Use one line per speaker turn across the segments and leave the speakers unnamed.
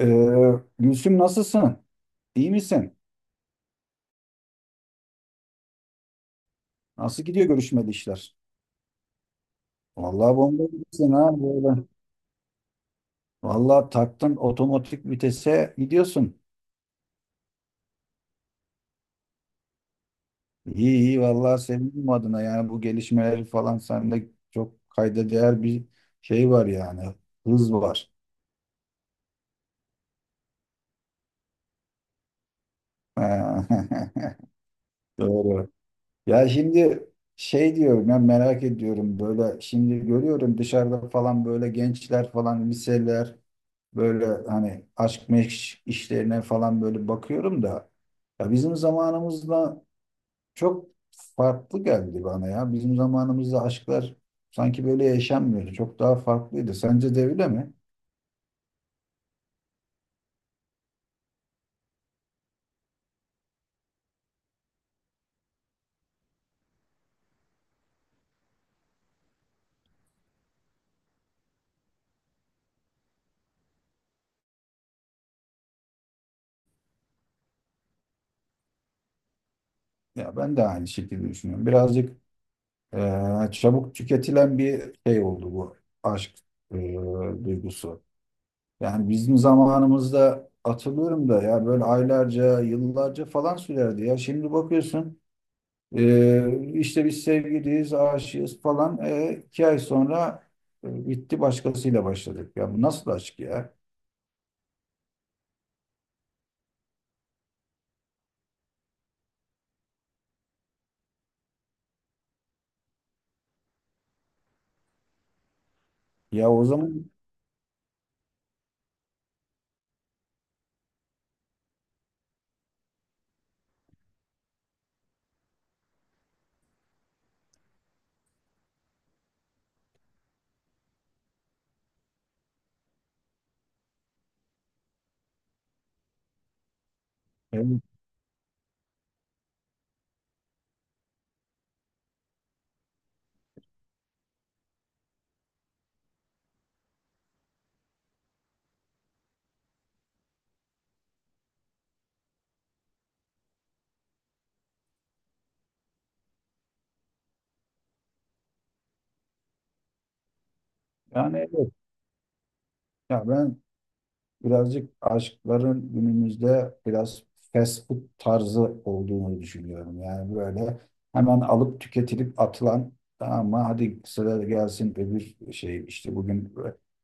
Ee, Gülsüm nasılsın? İyi misin? Nasıl gidiyor görüşmeli işler? Vallahi bomba gibisin ha böyle. Vallahi taktın otomatik vitese gidiyorsun. İyi iyi vallahi sevindim adına yani bu gelişmeleri falan sende çok kayda değer bir şey var yani. Hız var. Doğru. Ya şimdi şey diyorum ya merak ediyorum böyle şimdi görüyorum dışarıda falan böyle gençler falan liseler böyle hani aşk meşk işlerine falan böyle bakıyorum da ya bizim zamanımızda çok farklı geldi bana ya. Bizim zamanımızda aşklar sanki böyle yaşanmıyordu. Çok daha farklıydı. Sence de öyle mi? Ya ben de aynı şekilde düşünüyorum. Birazcık çabuk tüketilen bir şey oldu bu aşk eee, duygusu. Yani bizim zamanımızda hatırlıyorum da ya böyle aylarca, yıllarca falan sürerdi ya. Şimdi bakıyorsun. İşte biz sevgiliyiz, aşığız falan. 2 ay sonra bitti başkasıyla başladık. Ya bu nasıl aşk ya? Ya o zaman e, yani evet. Ya ben birazcık aşkların günümüzde biraz fast food tarzı olduğunu düşünüyorum. Yani böyle hemen alıp tüketilip atılan ama hadi sıra gelsin öbür şey işte bugün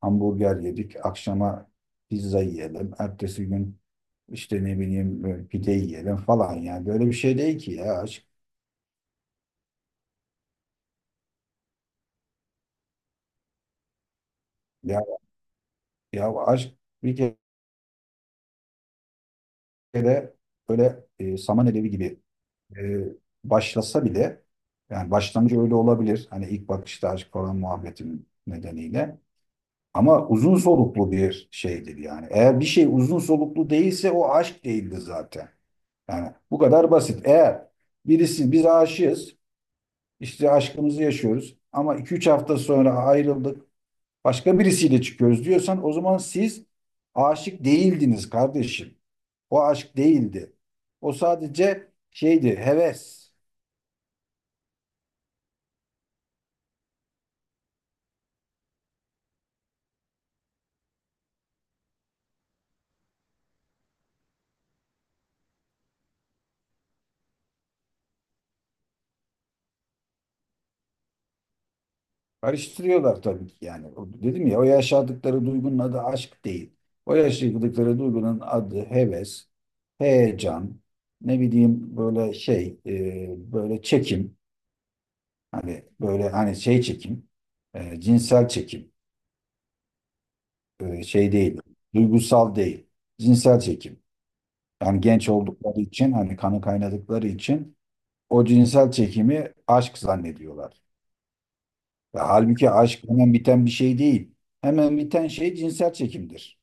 hamburger yedik akşama pizza yiyelim. Ertesi gün İşte ne bileyim böyle pide yiyelim falan yani böyle bir şey değil ki ya aşk. Ya, ya, aşk bir kere böyle saman alevi gibi e, başlasa bile yani başlangıcı öyle olabilir. Hani ilk bakışta aşk falan muhabbetin nedeniyle. Ama uzun soluklu bir şeydir yani. Eğer bir şey uzun soluklu değilse o aşk değildir zaten. Yani bu kadar basit. Eğer birisi biz aşığız, işte aşkımızı yaşıyoruz ama 2-3 hafta sonra ayrıldık, başka birisiyle çıkıyoruz diyorsan o zaman siz aşık değildiniz kardeşim. O aşk değildi. O sadece şeydi, heves. Karıştırıyorlar tabii ki yani. Dedim ya o yaşadıkları duygunun adı aşk değil. O yaşadıkları duygunun adı heves, heyecan, ne bileyim böyle şey, böyle çekim. Hani böyle hani şey çekim, cinsel çekim, şey değil, duygusal değil, cinsel çekim. Yani genç oldukları için hani kanı kaynadıkları için o cinsel çekimi aşk zannediyorlar. Ve halbuki aşk hemen biten bir şey değil. Hemen biten şey cinsel çekimdir.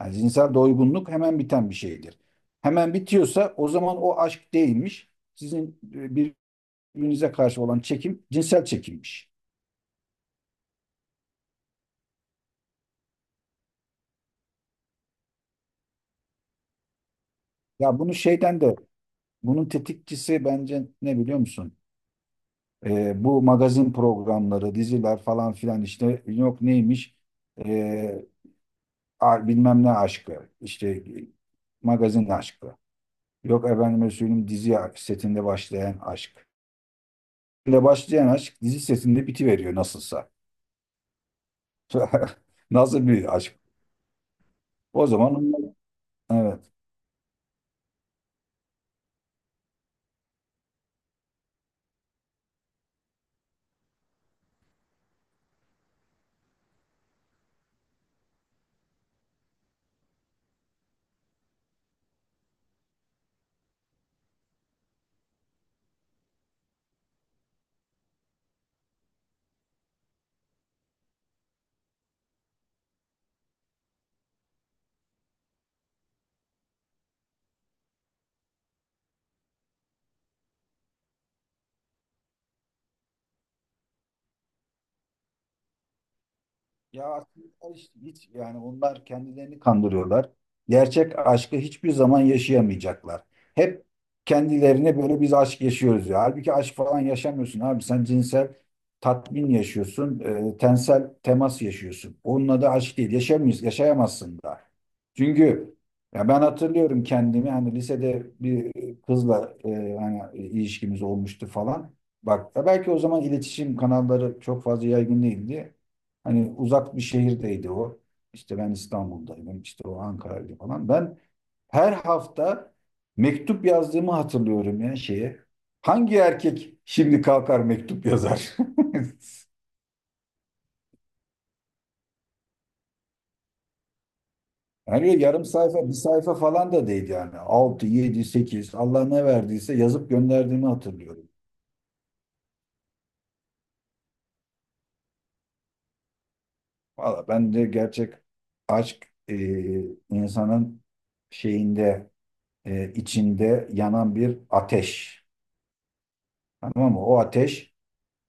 Yani cinsel doygunluk hemen biten bir şeydir. Hemen bitiyorsa o zaman o aşk değilmiş. Sizin birbirinize karşı olan çekim cinsel çekimmiş. Ya bunu şeyden de bunun tetikçisi bence ne biliyor musun? Bu magazin programları, diziler falan filan işte yok neymiş? E, bilmem ne aşkı, işte magazin aşkı. Yok efendime söyleyeyim dizi setinde başlayan aşk. Ve başlayan aşk dizi setinde bitiveriyor nasılsa. Nasıl bir aşk? O zaman evet. Ya aslında işte hiç yani onlar kendilerini kandırıyorlar. Gerçek aşkı hiçbir zaman yaşayamayacaklar. Hep kendilerine böyle biz aşk yaşıyoruz ya. Halbuki aşk falan yaşamıyorsun abi. Sen cinsel tatmin yaşıyorsun, tensel temas yaşıyorsun. Onunla da aşk değil. Yaşayamayız, yaşayamazsın da. Çünkü ya ben hatırlıyorum kendimi hani lisede bir kızla hani ilişkimiz olmuştu falan. Bak ya belki o zaman iletişim kanalları çok fazla yaygın değildi. Hani uzak bir şehirdeydi o. İşte ben İstanbul'daydım, işte o Ankara'ydı falan. Ben her hafta mektup yazdığımı hatırlıyorum ya şeye. Hangi erkek şimdi kalkar mektup yazar? Yani yarım sayfa, bir sayfa falan da değil yani. Altı, 7, 8. Allah ne verdiyse yazıp gönderdiğimi hatırlıyorum. Valla ben de gerçek aşk insanın şeyinde, içinde yanan bir ateş. Tamam mı? O ateş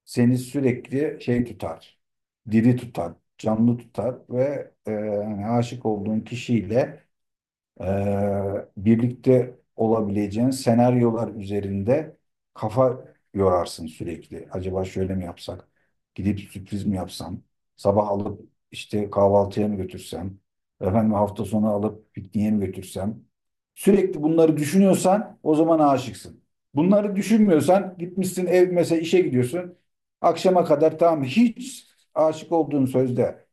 seni sürekli şey tutar, diri tutar, canlı tutar ve hani aşık olduğun kişiyle birlikte olabileceğin senaryolar üzerinde kafa yorarsın sürekli. Acaba şöyle mi yapsak? Gidip sürpriz mi yapsam? Sabah alıp işte kahvaltıya mı götürsem? Efendim hafta sonu alıp pikniğe mi götürsem? Sürekli bunları düşünüyorsan o zaman aşıksın. Bunları düşünmüyorsan gitmişsin ev mesela işe gidiyorsun. Akşama kadar tamam hiç aşık olduğun sözde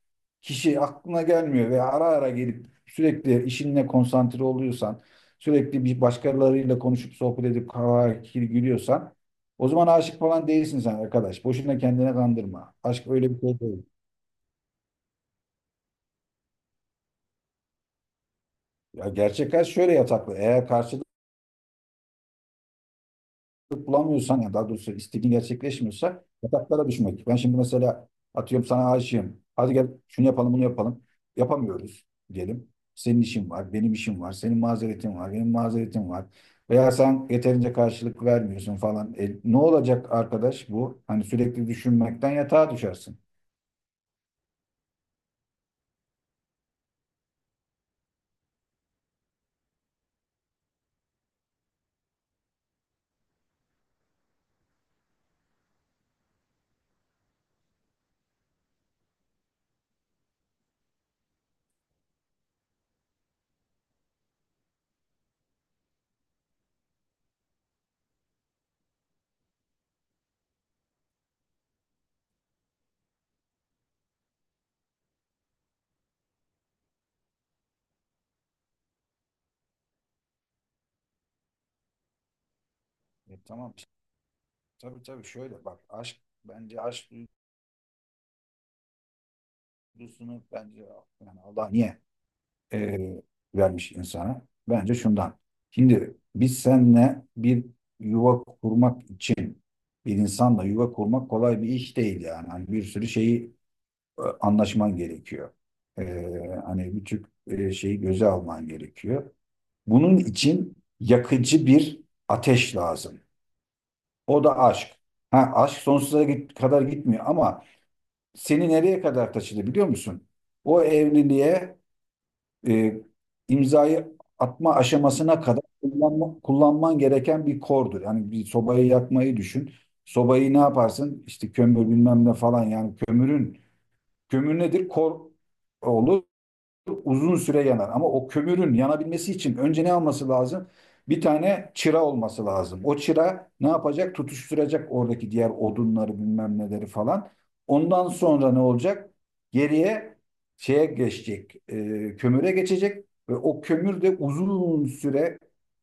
kişi aklına gelmiyor ve ara ara gelip sürekli işinle konsantre oluyorsan, sürekli bir başkalarıyla konuşup sohbet edip kahkaha gülüyorsan o zaman aşık falan değilsin sen arkadaş. Boşuna kendine kandırma. Aşk öyle bir şey değil. Ya gerçek aşk şöyle yataklı. Eğer karşı bulamıyorsan ya daha doğrusu istediğin gerçekleşmiyorsa yataklara düşmek. Ben şimdi mesela atıyorum sana aşığım. Hadi gel şunu yapalım bunu yapalım. Yapamıyoruz diyelim. Senin işin var, benim işim var, senin mazeretin var, benim mazeretim var. Veya sen yeterince karşılık vermiyorsun falan. Ne olacak arkadaş bu? Hani sürekli düşünmekten yatağa düşersin. Tamam. işte. Tabii tabii şöyle bak aşk bence aşk duygusunu bence yani Allah niye e, vermiş insana. Bence şundan. Şimdi biz senle bir yuva kurmak için bir insanla yuva kurmak kolay bir iş değil yani. Hani bir sürü şeyi anlaşman gerekiyor. E, hani birçok şeyi göze alman gerekiyor. Bunun için yakıcı bir ateş lazım. O da aşk. Ha, aşk sonsuza kadar gitmiyor ama seni nereye kadar taşıdı biliyor musun? O evliliğe e, imzayı atma aşamasına kadar kullanman gereken bir kordur. Yani bir sobayı yakmayı düşün. Sobayı ne yaparsın? İşte kömür bilmem ne falan yani kömürün kömür nedir? Kor olur uzun süre yanar. Ama o kömürün yanabilmesi için önce ne alması lazım? Bir tane çıra olması lazım. O çıra ne yapacak? Tutuşturacak oradaki diğer odunları bilmem neleri falan. Ondan sonra ne olacak? Geriye şeye geçecek, kömüre geçecek ve o kömür de uzun süre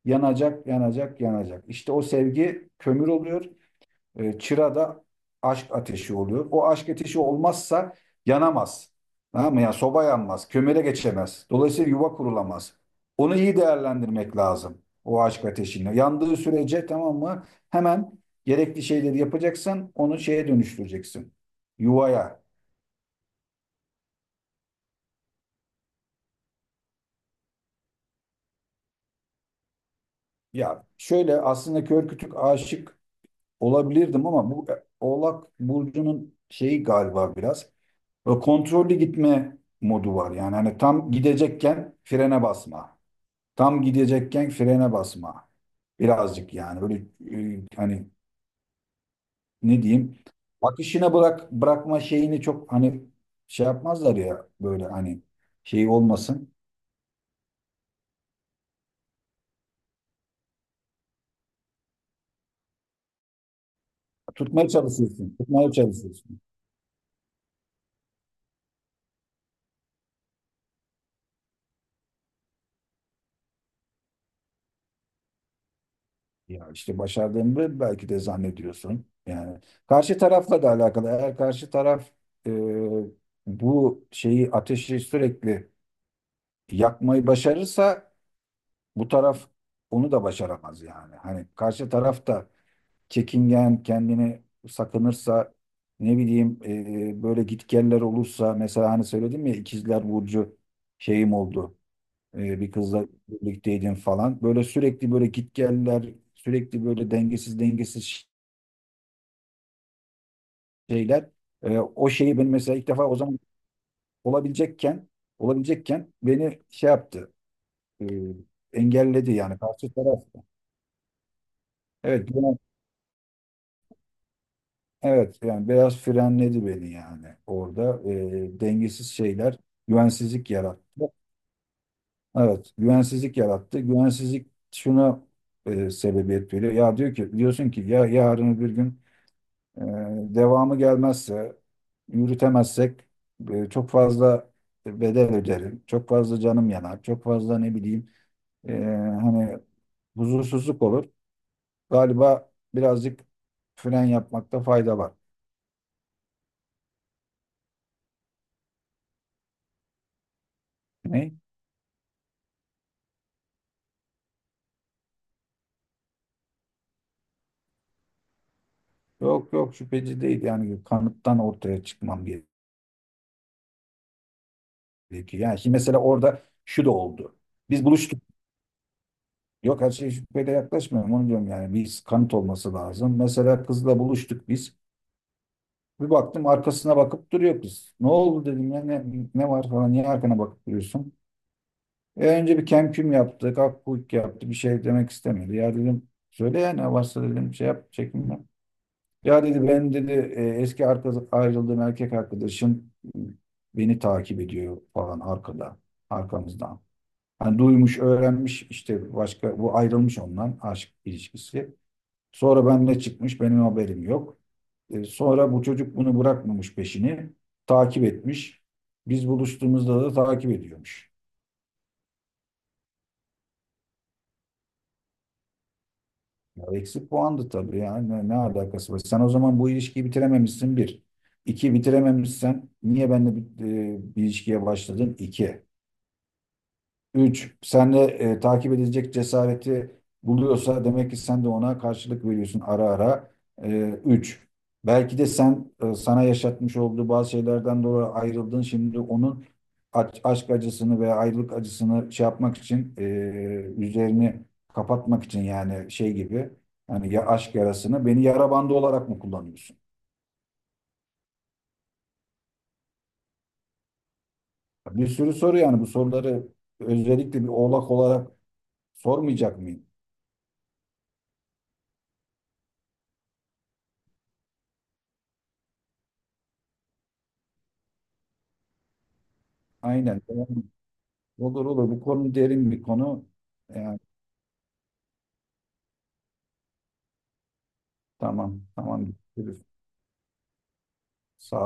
yanacak, yanacak, yanacak. İşte o sevgi kömür oluyor. Çırada aşk ateşi oluyor. O aşk ateşi olmazsa yanamaz. Tamam mı? Yani soba yanmaz, kömüre geçemez. Dolayısıyla yuva kurulamaz. Onu iyi değerlendirmek lazım. O aşk ateşini. Yandığı sürece tamam mı? Hemen gerekli şeyleri yapacaksın. Onu şeye dönüştüreceksin. Yuvaya. Ya şöyle aslında kör kütük aşık olabilirdim ama bu Oğlak Burcu'nun şeyi galiba biraz. Ve kontrollü gitme modu var. Yani hani tam gidecekken frene basma. Tam gidecekken frene basma. Birazcık yani böyle hani ne diyeyim? Akışına bırak bırakma şeyini çok hani şey yapmazlar ya böyle hani şey olmasın. Tutmaya çalışıyorsun. Tutmaya çalışıyorsun. Ya işte başardığını belki de zannediyorsun. Yani karşı tarafla da alakalı. Eğer karşı taraf e, bu şeyi ateşi sürekli yakmayı başarırsa bu taraf onu da başaramaz yani. Hani karşı taraf da çekingen, kendini sakınırsa ne bileyim böyle gitgeller olursa mesela hani söyledim ya ikizler burcu şeyim oldu. Bir kızla birlikteydim falan. Böyle sürekli böyle gitgeller, sürekli böyle dengesiz dengesiz şeyler. O şeyi ben mesela ilk defa o zaman olabilecekken olabilecekken beni şey yaptı. e, engelledi yani karşı taraf. Evet, Evet yani biraz frenledi beni yani orada. Dengesiz şeyler güvensizlik yarattı. Evet güvensizlik yarattı. Güvensizlik şuna sebebiyet veriyor. Ya diyorsun ki ya yarın bir gün e, devamı gelmezse yürütemezsek çok fazla bedel öderim. Çok fazla canım yanar. Çok fazla ne bileyim e, hani huzursuzluk olur. Galiba birazcık fren yapmakta fayda var. Ne? Yok yok şüpheci değil yani kanıttan ortaya çıkmam gerekiyor. Yani şimdi mesela orada şu da oldu. Biz buluştuk. Yok her şey şüpheyle yaklaşmıyorum onu diyorum yani biz kanıt olması lazım. Mesela kızla buluştuk biz. Bir baktım arkasına bakıp duruyor kız. Ne oldu dedim ya ne var falan niye arkana bakıp duruyorsun? Önce bir kemküm yaptık, akkuyuk yaptı bir şey demek istemedi. Ya dedim söyle ya ne varsa dedim şey yap çekinme. Ya dedi ben dedi eski ayrıldığım erkek arkadaşım e, beni takip ediyor falan arkada, arkamızdan. Hani duymuş, öğrenmiş işte başka bu ayrılmış ondan aşk ilişkisi. Sonra benimle çıkmış, benim haberim yok. Sonra bu çocuk bunu bırakmamış peşini, takip etmiş. Biz buluştuğumuzda da takip ediyormuş. Ya eksik puandı tabii ya. Ne alakası var? Sen o zaman bu ilişkiyi bitirememişsin bir. İki bitirememişsen niye benimle bir ilişkiye başladın? İki. Üç, sen de takip edilecek cesareti buluyorsa demek ki sen de ona karşılık veriyorsun ara ara. E, üç, belki de sen sana yaşatmış olduğu bazı şeylerden dolayı ayrıldın. Şimdi onun aşk acısını veya ayrılık acısını şey yapmak için, üzerini kapatmak için yani şey gibi. Hani ya aşk yarasını beni yara bandı olarak mı kullanıyorsun? Bir sürü soru yani bu soruları özellikle bir oğlak olarak sormayacak mıyım? Aynen. Olur olur. Bu konu derin bir konu. Yani, tamam tamam. Yürü. Sağ